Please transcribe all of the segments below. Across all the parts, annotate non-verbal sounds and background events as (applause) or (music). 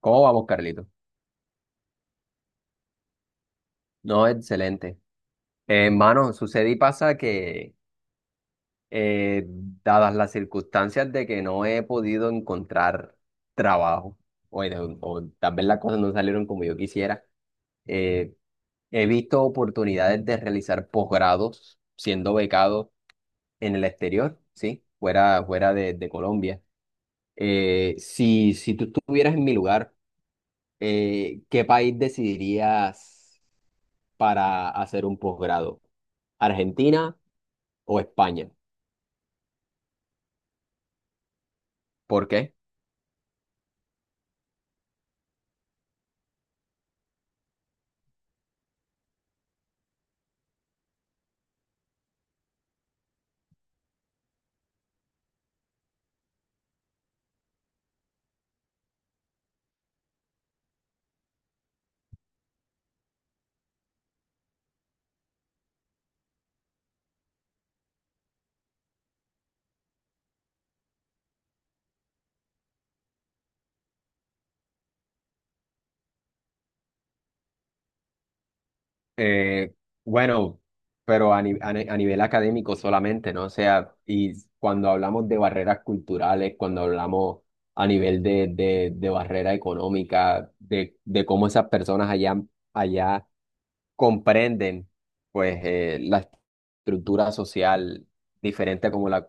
¿Cómo vamos, Carlito? No, excelente. Hermano, sucede y pasa que, eh, dadas las circunstancias de que no he podido encontrar trabajo, o tal vez las cosas no salieron como yo quisiera. eh, He visto oportunidades de realizar posgrados siendo becado en el exterior, ¿sí? Fuera de Colombia. Si tú estuvieras en mi lugar, ¿qué país decidirías para hacer un posgrado? ¿Argentina o España? ¿Por qué? Eh, bueno, pero a nivel académico solamente, ¿no? O sea, y cuando hablamos de barreras culturales, cuando hablamos a nivel de barrera económica, de cómo esas personas allá, comprenden, pues, la estructura social diferente como la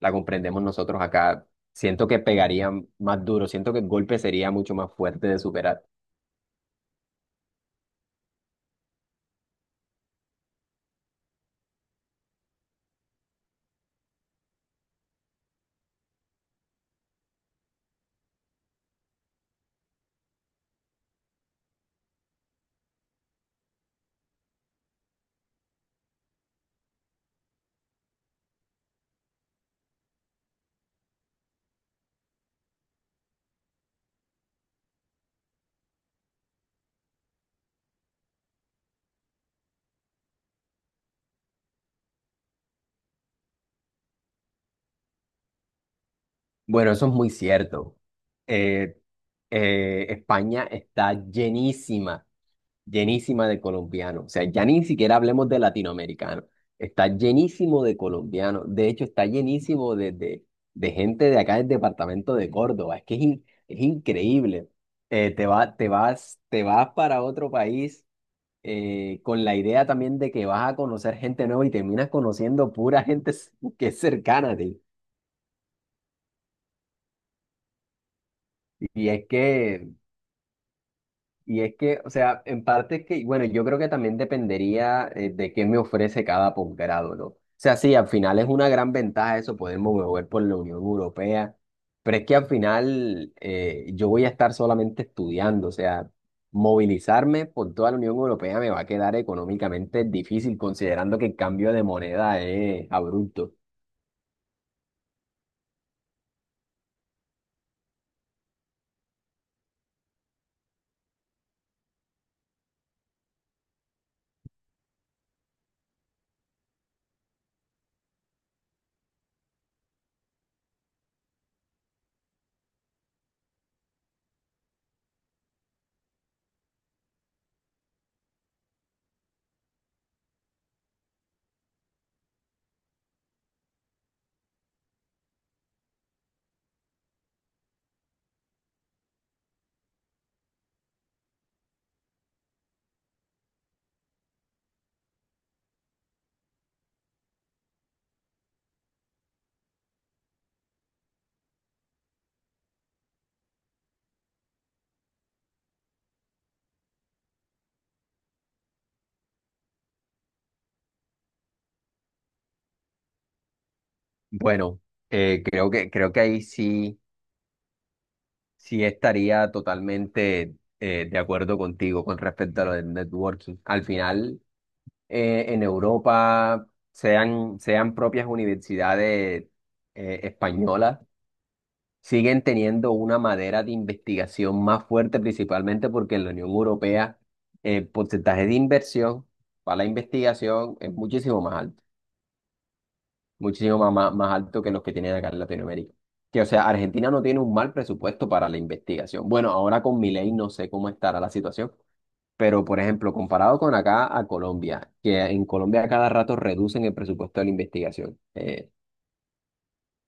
la comprendemos nosotros acá. Siento que pegaría más duro, siento que el golpe sería mucho más fuerte de superar. Bueno, eso es muy cierto. Eh, España está llenísima de colombianos. O sea, ya ni siquiera hablemos de latinoamericanos. Está llenísimo de colombianos. De hecho, está llenísimo de gente de acá del departamento de Córdoba. Es que es increíble. Te vas para otro país, con la idea también de que vas a conocer gente nueva y terminas conociendo pura que es cercana a ti. Y es que, y es que, o sea, en parte es que, bueno, yo creo que también dependería de qué me ofrece cada posgrado, ¿no? O sea, sí, al final es una gran ventaja eso, poderme mover por la Unión Europea, pero es que al final, yo voy a estar solamente estudiando. O sea, movilizarme por toda la Unión Europea me va a quedar económicamente difícil, considerando que el cambio de moneda es abrupto. Bueno, creo que ahí sí, sí estaría totalmente de acuerdo contigo con respecto a lo del networking. Al final, en Europa, sean propias universidades españolas, siguen teniendo una madera de investigación más fuerte, principalmente porque en la Unión Europea el porcentaje de inversión para la investigación es muchísimo más alto. Muchísimo alto que los que tienen acá en Latinoamérica. Que, o sea, Argentina no tiene un mal presupuesto para la investigación. Bueno, ahora con Milei no sé cómo estará la situación, pero por ejemplo, comparado con acá a Colombia, que en Colombia a cada rato reducen el presupuesto de la investigación. Eh,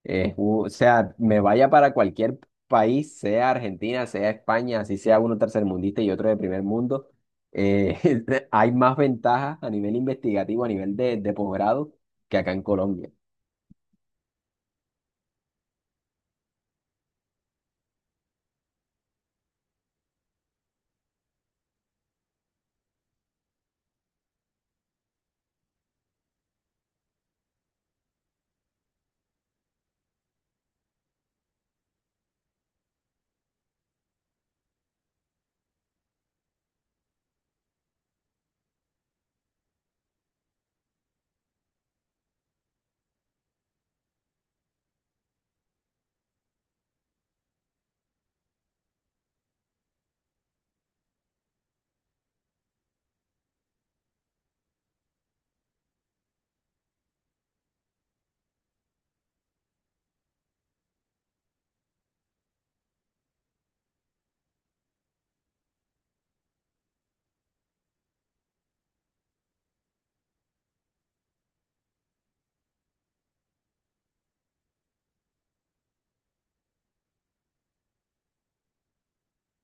es u- O sea, me vaya para cualquier país, sea Argentina, sea España, así sea uno tercermundista y otro de primer mundo, eh, (laughs) hay más ventajas a nivel investigativo, a nivel de posgrado, que acá en Colombia.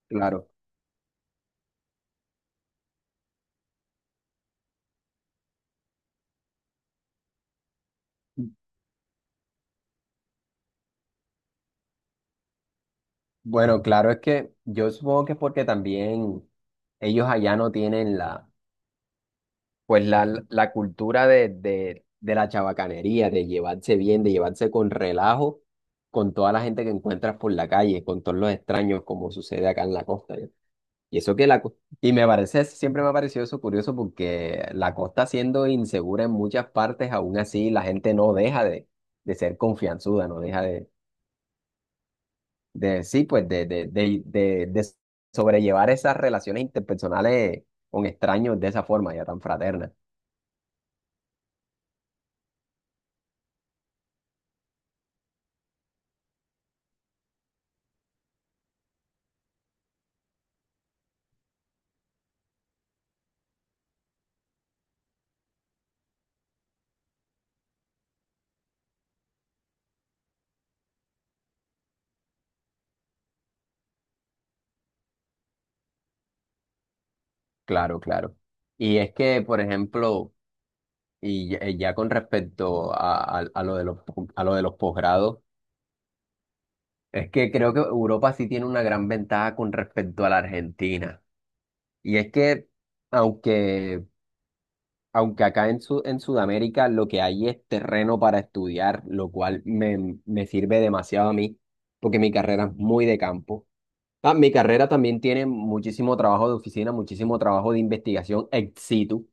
Claro. Bueno, claro, es que yo supongo que es porque también ellos allá no tienen la, pues la cultura de la chabacanería, de llevarse bien, de llevarse con relajo con toda la gente que encuentras por la calle, con todos los extraños, como sucede acá en la costa, ¿ya? Y eso que la, co- Y me parece, siempre me ha parecido eso curioso porque la costa siendo insegura en muchas partes, aún así la gente no deja de ser confianzuda, no deja de sí, pues de sobrellevar esas relaciones interpersonales con extraños de esa forma, ya tan fraterna. Claro, claro. Y es que, por ejemplo, y ya, ya con respecto a lo de los posgrados, es que creo que Europa sí tiene una gran ventaja con respecto a la Argentina. Y es que, aunque aunque acá en, en Sudamérica lo que hay es terreno para estudiar, lo cual me sirve demasiado a mí, porque mi carrera es muy de campo. Ah, mi carrera también tiene muchísimo trabajo de oficina, muchísimo trabajo de investigación ex situ,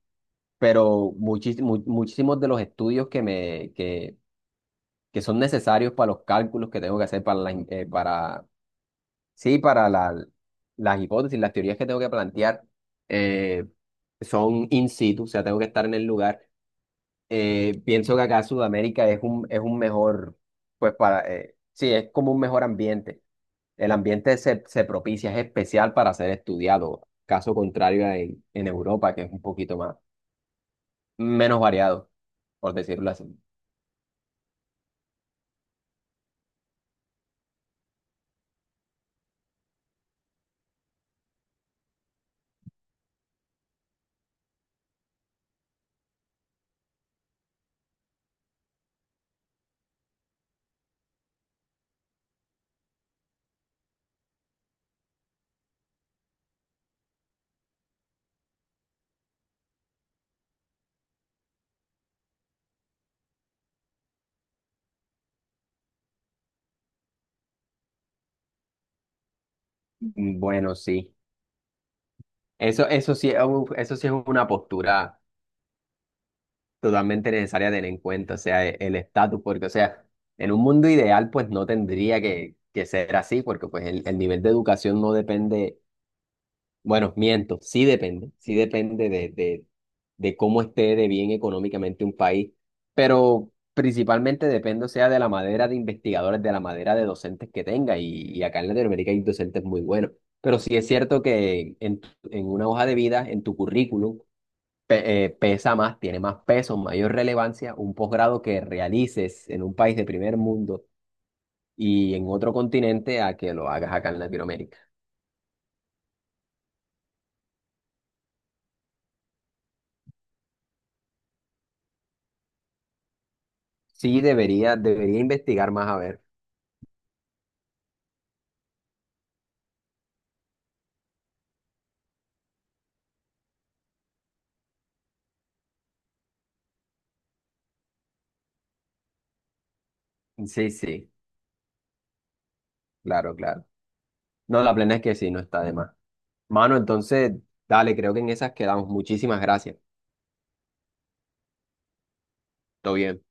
pero muchísimos de los estudios que son necesarios para los cálculos que tengo que hacer, para, sí, las hipótesis, las teorías que tengo que plantear, eh, son in situ. O sea, tengo que estar en el lugar. Pienso que acá Sudamérica es un mejor, pues para, sí, es como un mejor ambiente. El se propicia, es especial para ser estudiado, caso contrario a en Europa, que es un poquito más, menos variado, por decirlo así. Mm, bueno, sí. Eso sí es una postura totalmente necesaria tener en cuenta, o sea, el estatus. Porque, o sea, en un mundo ideal, pues no tendría que ser así, porque pues el nivel de educación no depende. Bueno, miento, sí depende de cómo esté de bien económicamente un país, pero principalmente depende, o sea, de la madera de investigadores, de la madera de docentes que tenga. Y, y acá en Latinoamérica hay docentes muy buenos, pero sí es cierto que en una hoja de vida, en tu currículum, pesa más, tiene más peso, mayor relevancia un posgrado que realices en un país de primer mundo y en otro continente a que lo hagas acá en Latinoamérica. Sí, debería, debería investigar más a ver. Sí, sí, claro, claro. No, la plena es que sí, no está de más. Mano, entonces, dale, creo que en esas quedamos. Muchísimas gracias. Todo bien.